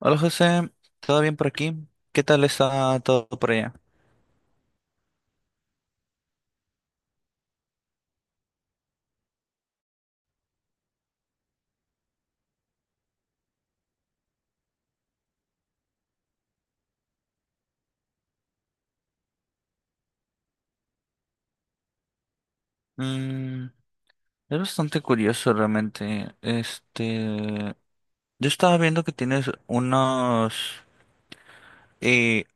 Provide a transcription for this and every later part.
Hola José, ¿todo bien por aquí? ¿Qué tal está todo por allá? Mm, es bastante curioso realmente. Yo estaba viendo que tienes unas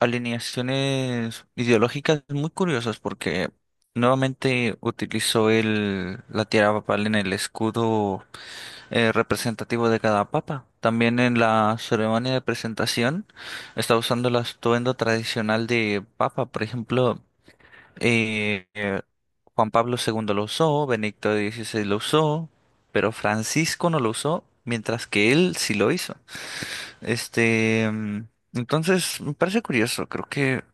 alineaciones ideológicas muy curiosas porque nuevamente utilizó la tierra papal en el escudo representativo de cada papa. También en la ceremonia de presentación está usando el atuendo tradicional de papa, por ejemplo. Eh, eh, Juan Pablo II lo usó, Benedicto XVI lo usó, pero Francisco no lo usó, mientras que él sí lo hizo. Este, mm, entonces me parece curioso, creo que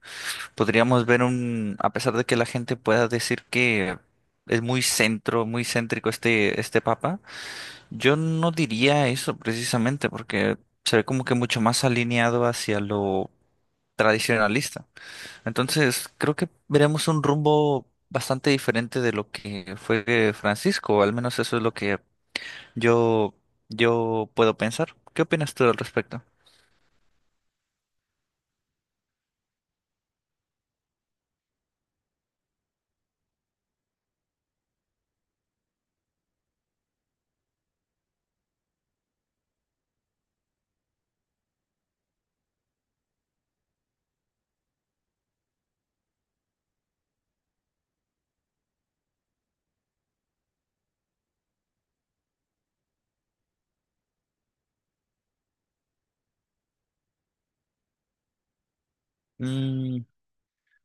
podríamos ver a pesar de que la gente pueda decir que es muy centro, muy céntrico este papa, yo no diría eso precisamente, porque se ve como que mucho más alineado hacia lo tradicionalista. Entonces, creo que veremos un rumbo bastante diferente de lo que fue Francisco, o al menos eso es lo que yo, yo puedo pensar. ¿Qué opinas tú al respecto? Mm,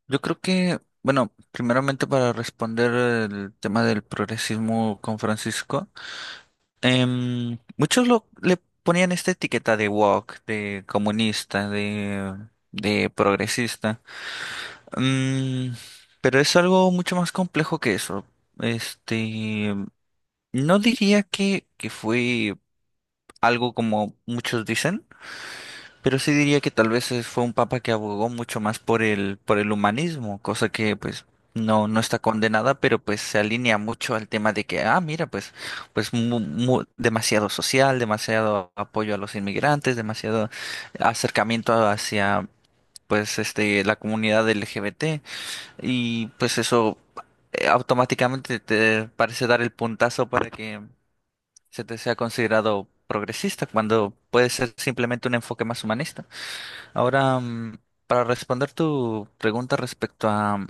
yo creo que, bueno, primeramente para responder el tema del progresismo con Francisco, muchos le ponían esta etiqueta de woke, de comunista, de progresista. Mm, pero es algo mucho más complejo que eso. Este, no diría que fue algo como muchos dicen, pero sí diría que tal vez fue un papa que abogó mucho más por el humanismo, cosa que pues no, no está condenada, pero pues se alinea mucho al tema de que, ah, mira, pues, pues demasiado social, demasiado apoyo a los inmigrantes, demasiado acercamiento hacia pues este la comunidad LGBT. Y pues eso automáticamente te parece dar el puntazo para que se te sea considerado progresista, cuando puede ser simplemente un enfoque más humanista. Ahora, para responder tu pregunta respecto a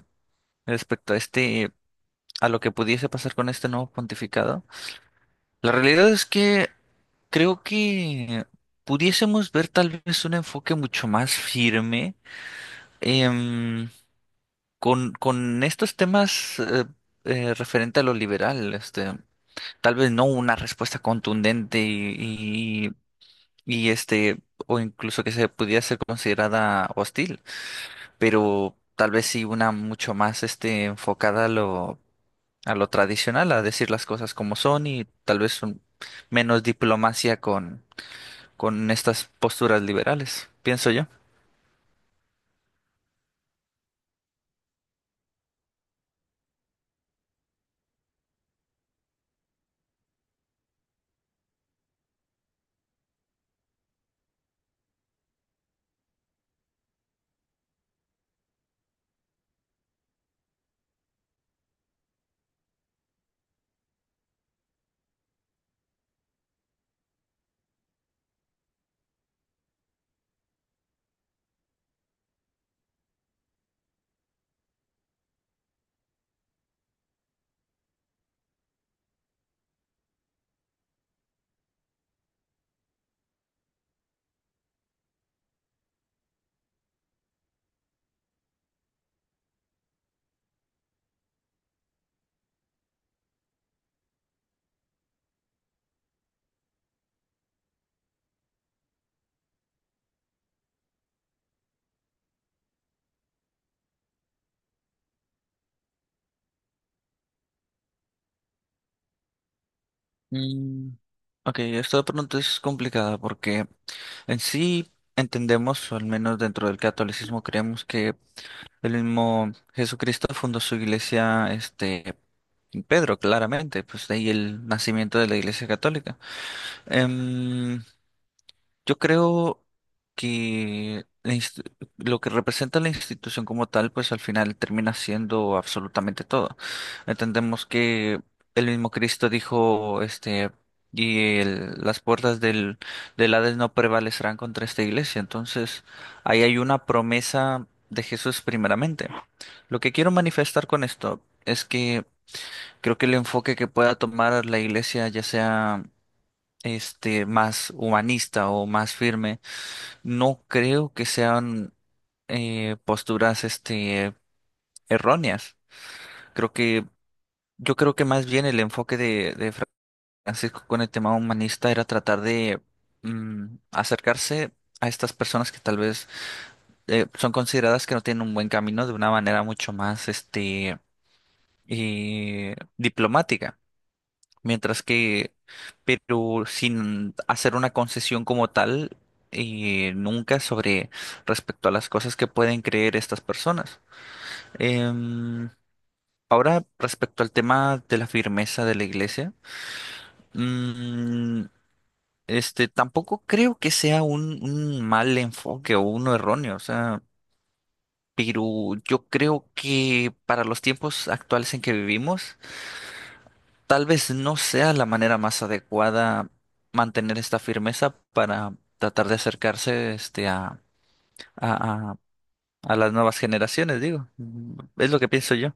respecto a este a lo que pudiese pasar con este nuevo pontificado, la realidad es que creo que pudiésemos ver tal vez un enfoque mucho más firme. em, con estos temas referente a lo liberal, tal vez no una respuesta contundente y o incluso que se pudiera ser considerada hostil, pero tal vez sí una mucho más enfocada a lo tradicional, a decir las cosas como son y tal vez menos diplomacia con estas posturas liberales, pienso yo. Mm, ok, esta pregunta es complicada porque en sí entendemos, o al menos dentro del catolicismo creemos que el mismo Jesucristo fundó su iglesia, en Pedro, claramente, pues de ahí el nacimiento de la iglesia católica. Em, yo creo que lo que representa la institución como tal, pues al final termina siendo absolutamente todo. Entendemos que el mismo Cristo dijo, y las puertas del, del Hades no prevalecerán contra esta iglesia. Entonces, ahí hay una promesa de Jesús primeramente. Lo que quiero manifestar con esto es que creo que el enfoque que pueda tomar la iglesia, ya sea más humanista o más firme, no creo que sean posturas erróneas. Creo que, yo creo que más bien el enfoque de Francisco con el tema humanista era tratar de acercarse a estas personas que tal vez son consideradas que no tienen un buen camino de una manera mucho más diplomática. Mientras que, pero sin hacer una concesión como tal, nunca sobre respecto a las cosas que pueden creer estas personas. Em, ahora, respecto al tema de la firmeza de la iglesia, mm, tampoco creo que sea un mal enfoque o uno erróneo, o sea, pero yo creo que para los tiempos actuales en que vivimos, tal vez no sea la manera más adecuada mantener esta firmeza para tratar de acercarse a, a- a las nuevas generaciones, digo. Es lo que pienso yo.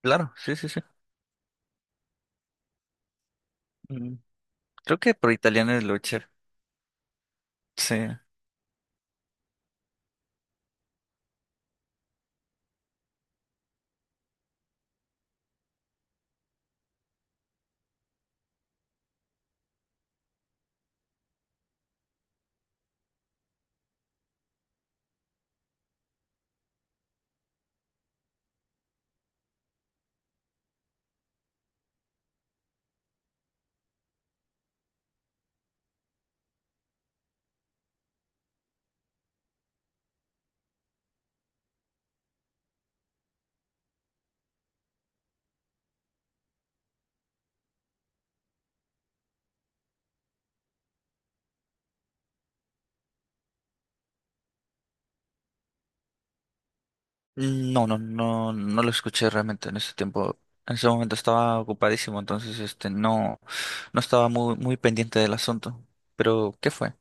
Claro, sí, sí, sí. Mm, Creo que por italiano es Lucher. Sí. No, no, no, no lo escuché realmente en ese tiempo. En ese momento estaba ocupadísimo, entonces este no, no estaba muy, muy pendiente del asunto. Pero, ¿qué fue?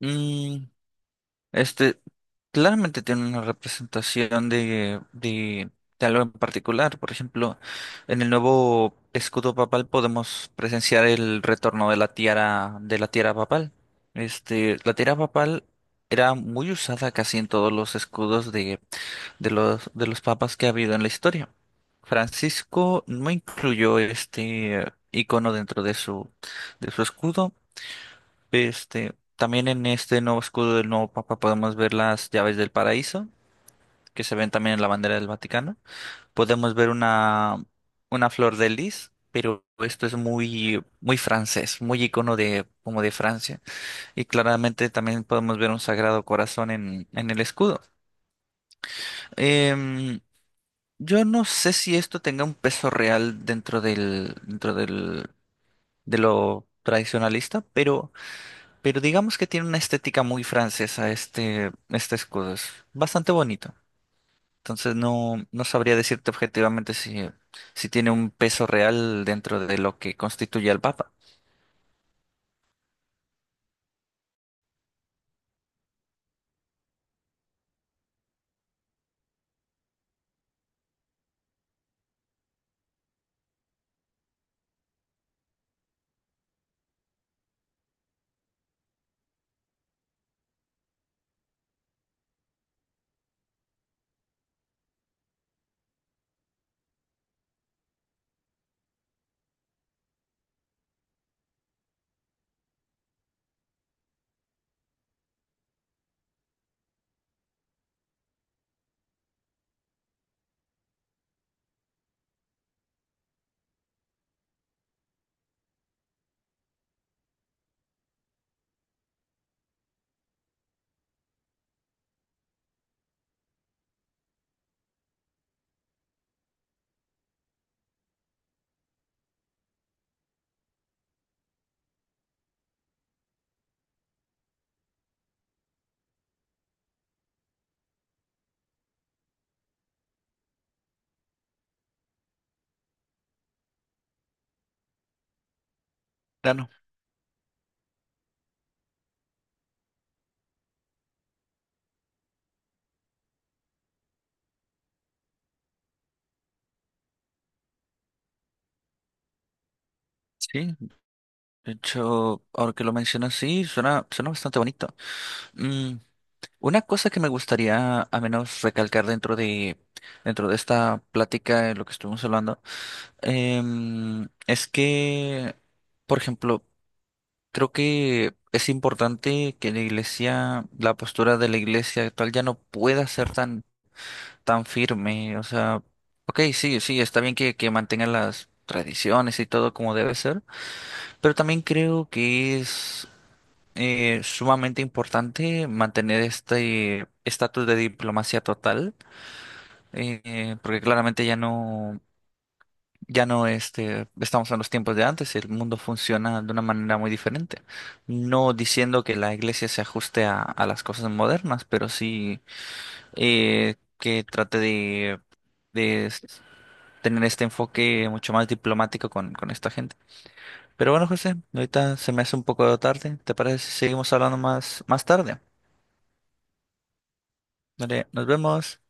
Mm, Este claramente tiene una representación de algo en particular. Por ejemplo, en el nuevo escudo papal podemos presenciar el retorno de la tiara papal. La tiara papal era muy usada casi en todos los escudos de los papas que ha habido en la historia. Francisco no incluyó este icono dentro de su escudo. También en este nuevo escudo del nuevo Papa podemos ver las llaves del paraíso, que se ven también en la bandera del Vaticano. Podemos ver una flor de lis, pero esto es muy, muy francés, muy icono de, como de Francia. Y claramente también podemos ver un Sagrado Corazón en el escudo. Em, yo no sé si esto tenga un peso real dentro del, de lo tradicionalista, pero digamos que tiene una estética muy francesa este escudo. Es bastante bonito. Entonces no, no sabría decirte objetivamente si, si tiene un peso real dentro de lo que constituye al Papa. Claro. Sí, de hecho, ahora que lo mencionas, sí, suena, suena bastante bonito. Mm, una cosa que me gustaría a menos recalcar dentro de esta plática de lo que estuvimos hablando, es que, por ejemplo, creo que es importante que la iglesia, la postura de la iglesia actual ya no pueda ser tan, tan firme. O sea, ok, sí, sí, está bien que mantengan las tradiciones y todo como debe ser, pero también creo que es sumamente importante mantener este estatus de diplomacia total, porque claramente ya no. Ya no estamos en los tiempos de antes, el mundo funciona de una manera muy diferente. No diciendo que la iglesia se ajuste a las cosas modernas, pero sí que trate de, de s- tener este enfoque mucho más diplomático con esta gente. Pero bueno, José, ahorita se me hace un poco tarde. ¿Te parece si seguimos hablando más, más tarde? Vale, nos vemos.